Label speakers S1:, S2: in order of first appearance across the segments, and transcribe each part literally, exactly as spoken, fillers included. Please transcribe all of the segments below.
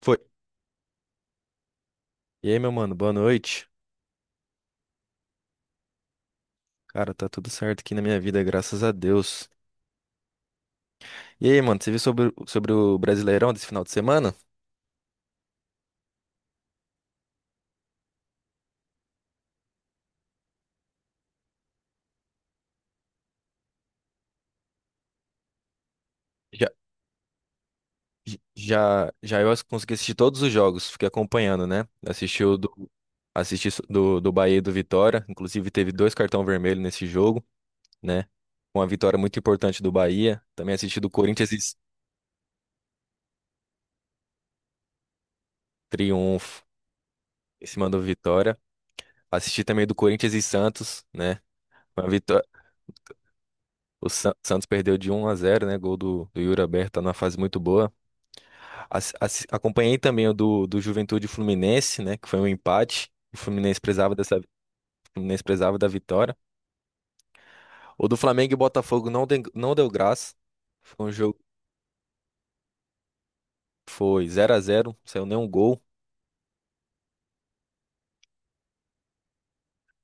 S1: Foi. E aí, meu mano, boa noite. Cara, tá tudo certo aqui na minha vida, graças a Deus. E aí, mano, você viu sobre, o- sobre o Brasileirão desse final de semana? Já, j- já, já eu as- consegui assistir todos os jogos, fiquei acompanhando, né? Assisti o do, assisti so- do, do Bahia e do Vitória, inclusive teve dois cartão vermelho nesse jogo, né? Uma vitória muito importante do Bahia. Também assisti do Corinthians e S- triunfo em cima do Vitória. Assisti também do Corinthians e Santos, né? O San- Santos perdeu de um a zero, né? Gol do, do Yuri Alberto, tá numa fase muito boa. As- as- acompanhei também o do, do Juventude e Fluminense, né? Que foi um empate. O Fluminense precisava dessa, o Fluminense precisava da vitória. O do Flamengo e Botafogo não, de- não deu graça. Foi um jogo, foi zero a zero, não saiu nenhum gol.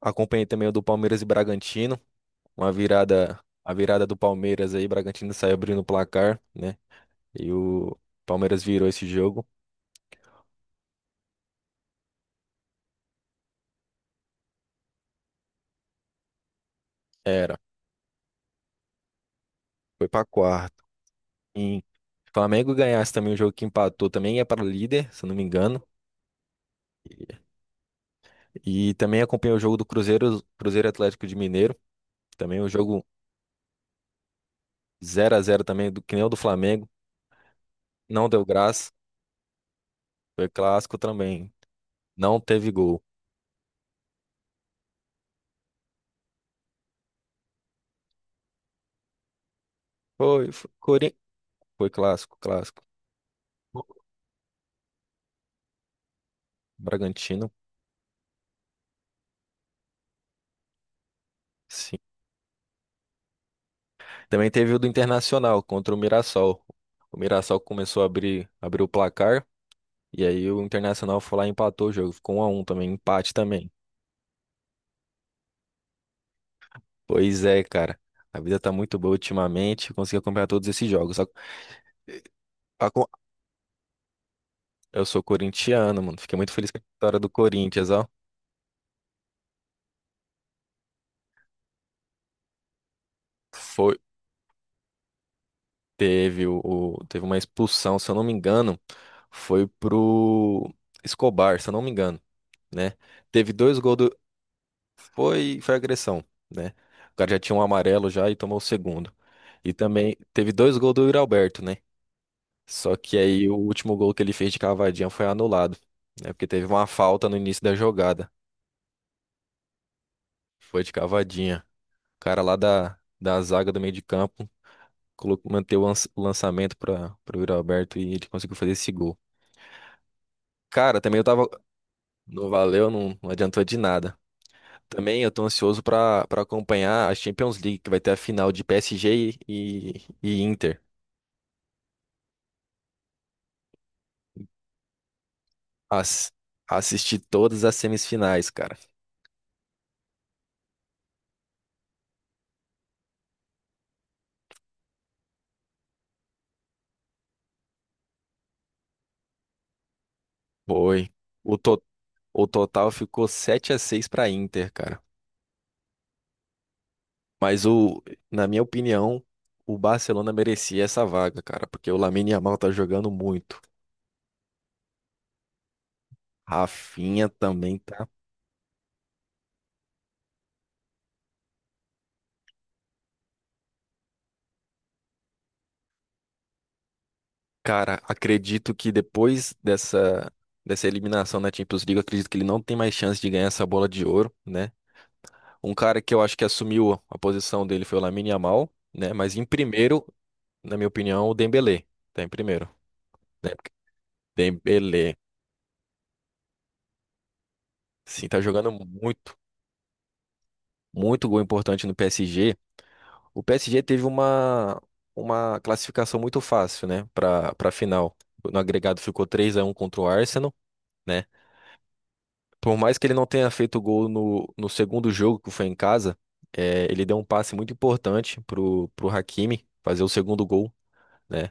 S1: Acompanhei também o do Palmeiras e Bragantino, uma virada, a virada do Palmeiras aí, Bragantino saiu abrindo o placar, né? E o Palmeiras virou esse jogo. Era, foi pra quarta. E se o Flamengo ganhasse também o jogo que empatou, também ia para o líder, se eu não me engano. E também acompanhei o jogo do Cruzeiro, Cruzeiro Atlético de Mineiro. Também o jogo zero a zero também, do, que nem o do Flamengo. Não deu graça. Foi clássico também. Não teve gol. Foi, foi, Cori- foi clássico, clássico. Bragantino, sim. Também teve o do Internacional contra o Mirassol. O Mirassol começou a abrir, abrir o placar. E aí o Internacional foi lá e empatou o jogo. Ficou um a um também, empate também. Pois é, cara. A vida tá muito boa ultimamente. Eu Consegui acompanhar todos esses jogos. Só- a Eu sou corintiano, mano. Fiquei muito feliz com a vitória do Corinthians, ó. Foi, teve o, o- teve uma expulsão, se eu não me engano, foi pro Escobar, se eu não me engano, né? Teve dois gols do foi foi agressão, né? O cara já tinha um amarelo já e tomou o segundo. E também teve dois gols do Yuri Alberto, né? Só que aí o último gol que ele fez de cavadinha foi anulado, né? Porque teve uma falta no início da jogada. Foi de cavadinha. O cara lá da, da zaga do meio de campo colocou, manteve o lança- o lançamento para o Yuri Alberto e ele conseguiu fazer esse gol. Cara, também eu tava. Não valeu, não, não adiantou de nada. Também eu tô ansioso para para acompanhar a Champions League, que vai ter a final de P S G e, e Inter. As, assisti todas as semifinais, cara. Foi. O, to, o total ficou sete a seis para Inter, cara. Mas o, na minha opinião, o Barcelona merecia essa vaga, cara, porque o Lamine Yamal tá jogando muito. Rafinha também tá. Cara, acredito que depois dessa dessa eliminação na Champions League, eu acredito que ele não tem mais chance de ganhar essa bola de ouro, né? Um cara que eu acho que assumiu a posição dele foi o Lamine Yamal, né? Mas em primeiro, na minha opinião, o Dembélé tá em primeiro, né? Porque Dembélé, sim, tá jogando muito, muito gol importante no P S G. O P S G teve uma, uma classificação muito fácil, né, para para final. No agregado ficou três a um contra o Arsenal, né? Por mais que ele não tenha feito gol no, no segundo jogo, que foi em casa, eh, ele deu um passe muito importante pro, pro Hakimi fazer o segundo gol, né?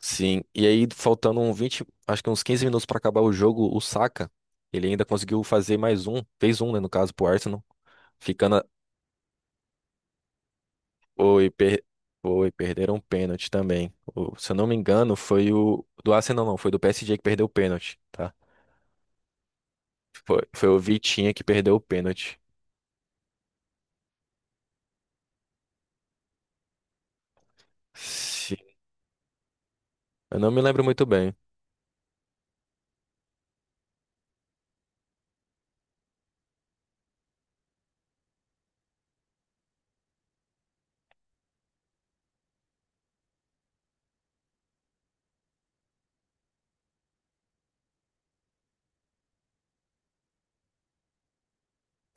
S1: Sim, e aí faltando um vinte, acho que uns quinze minutos para acabar o jogo, o Saka, ele ainda conseguiu fazer mais um, fez um, né, no caso, pro Arsenal, ficando Foi, per... foi, perderam um pênalti também. O- se eu não me engano, foi o do Arsenal, não, foi do P S G que perdeu o pênalti, tá? Foi, foi o Vitinha que perdeu o pênalti. Se- Eu não me lembro muito bem.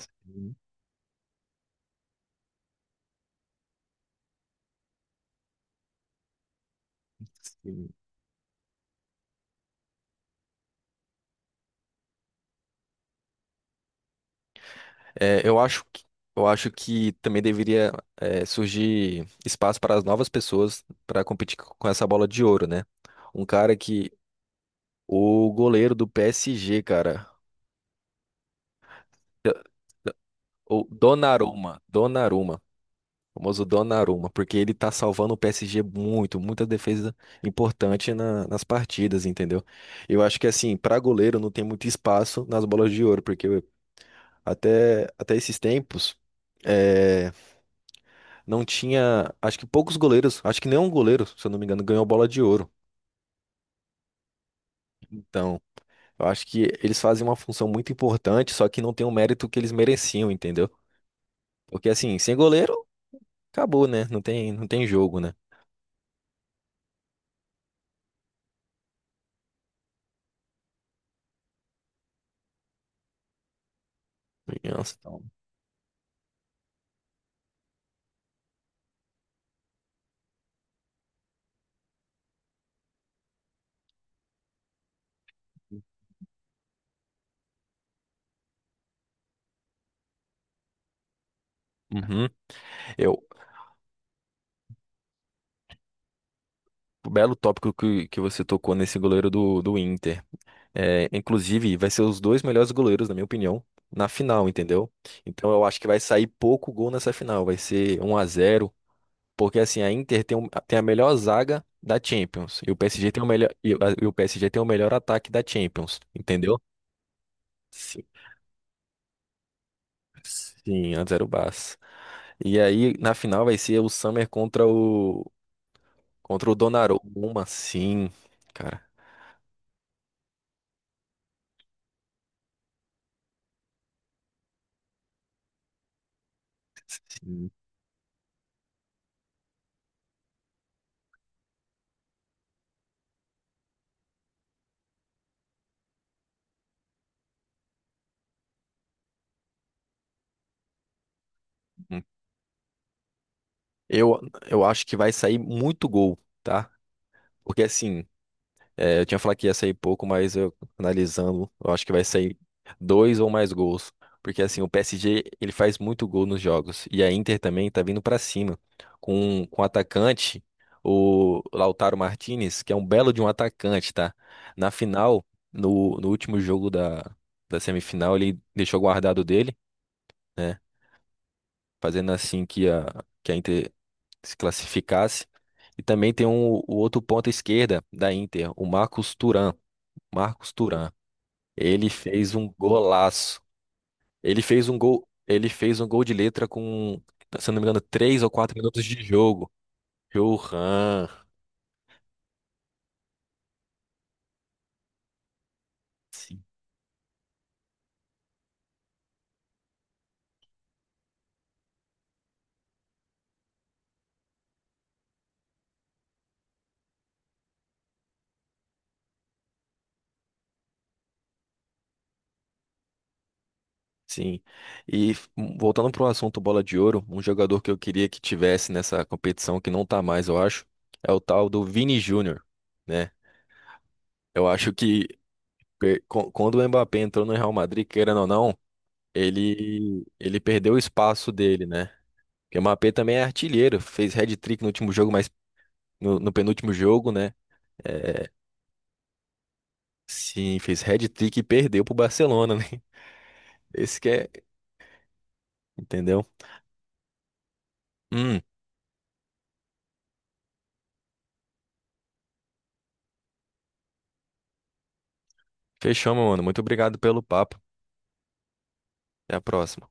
S1: Sim, sim. É, eu acho que, eu acho que também deveria é, surgir espaço para as novas pessoas para competir co- com essa bola de ouro, né? Um cara que o goleiro do P S G, cara, o Donnarumma, Donnarumma. O famoso Donnarumma, porque ele tá salvando o P S G muito, muita defesa importante na- nas partidas, entendeu? Eu acho que assim, pra goleiro não tem muito espaço nas bolas de ouro, porque eu- até, até esses tempos é, não tinha, acho que poucos goleiros, acho que nenhum goleiro, se eu não me engano, ganhou bola de ouro. Então, eu acho que eles fazem uma função muito importante, só que não tem o mérito que eles mereciam, entendeu? Porque assim, sem goleiro, acabou, né? Não tem, não tem jogo, né? Nossa, então. Uhum. Eu, belo tópico que, que você tocou nesse goleiro do, do Inter. É, inclusive, vai ser os dois melhores goleiros, na minha opinião, na final, entendeu? Então eu acho que vai sair pouco gol nessa final, vai ser um a zero porque assim, a Inter tem, um- tem a melhor zaga da Champions, e o P S G tem o melhor e, o e o P S G tem o melhor ataque da Champions, entendeu? Sim, sim, antes era o Barça. E aí na final vai ser o Summer contra o contra o Donnarumma, sim, cara. Sim. Eu, eu acho que vai sair muito gol, tá? Porque assim, é, eu tinha falado que ia sair pouco, mas eu analisando, eu acho que vai sair dois ou mais gols. Porque assim, o P S G, ele faz muito gol nos jogos. E a Inter também tá vindo pra cima. Com, com o atacante, o Lautaro Martinez, que é um belo de um atacante, tá? Na final, no, no último jogo da, da semifinal, ele deixou guardado dele, né? Fazendo assim que a, que a Inter se classificasse. E também tem um, o outro ponta esquerda da Inter, o Marcos Thuram. Marcos Thuram. Ele fez um golaço. Ele fez um gol, ele fez um gol de letra com, se eu não me engano, três ou quatro minutos de jogo. Johan. Sim. Sim. E hum, voltando para o assunto bola de ouro, um jogador que eu queria que tivesse nessa competição, que não tá mais, eu acho, é o tal do Vini Júnior, né? Eu acho que per- quan- quando o Mbappé entrou no Real Madrid, querendo ou não, Ele, ele perdeu o espaço dele, né? Porque o Mbappé também é artilheiro, fez hat-trick no último jogo, mas no, no penúltimo jogo, né? É, sim, fez hat-trick e perdeu pro Barcelona, né? Esse que é, entendeu? Hum, fechou, meu mano. Muito obrigado pelo papo. Até a próxima.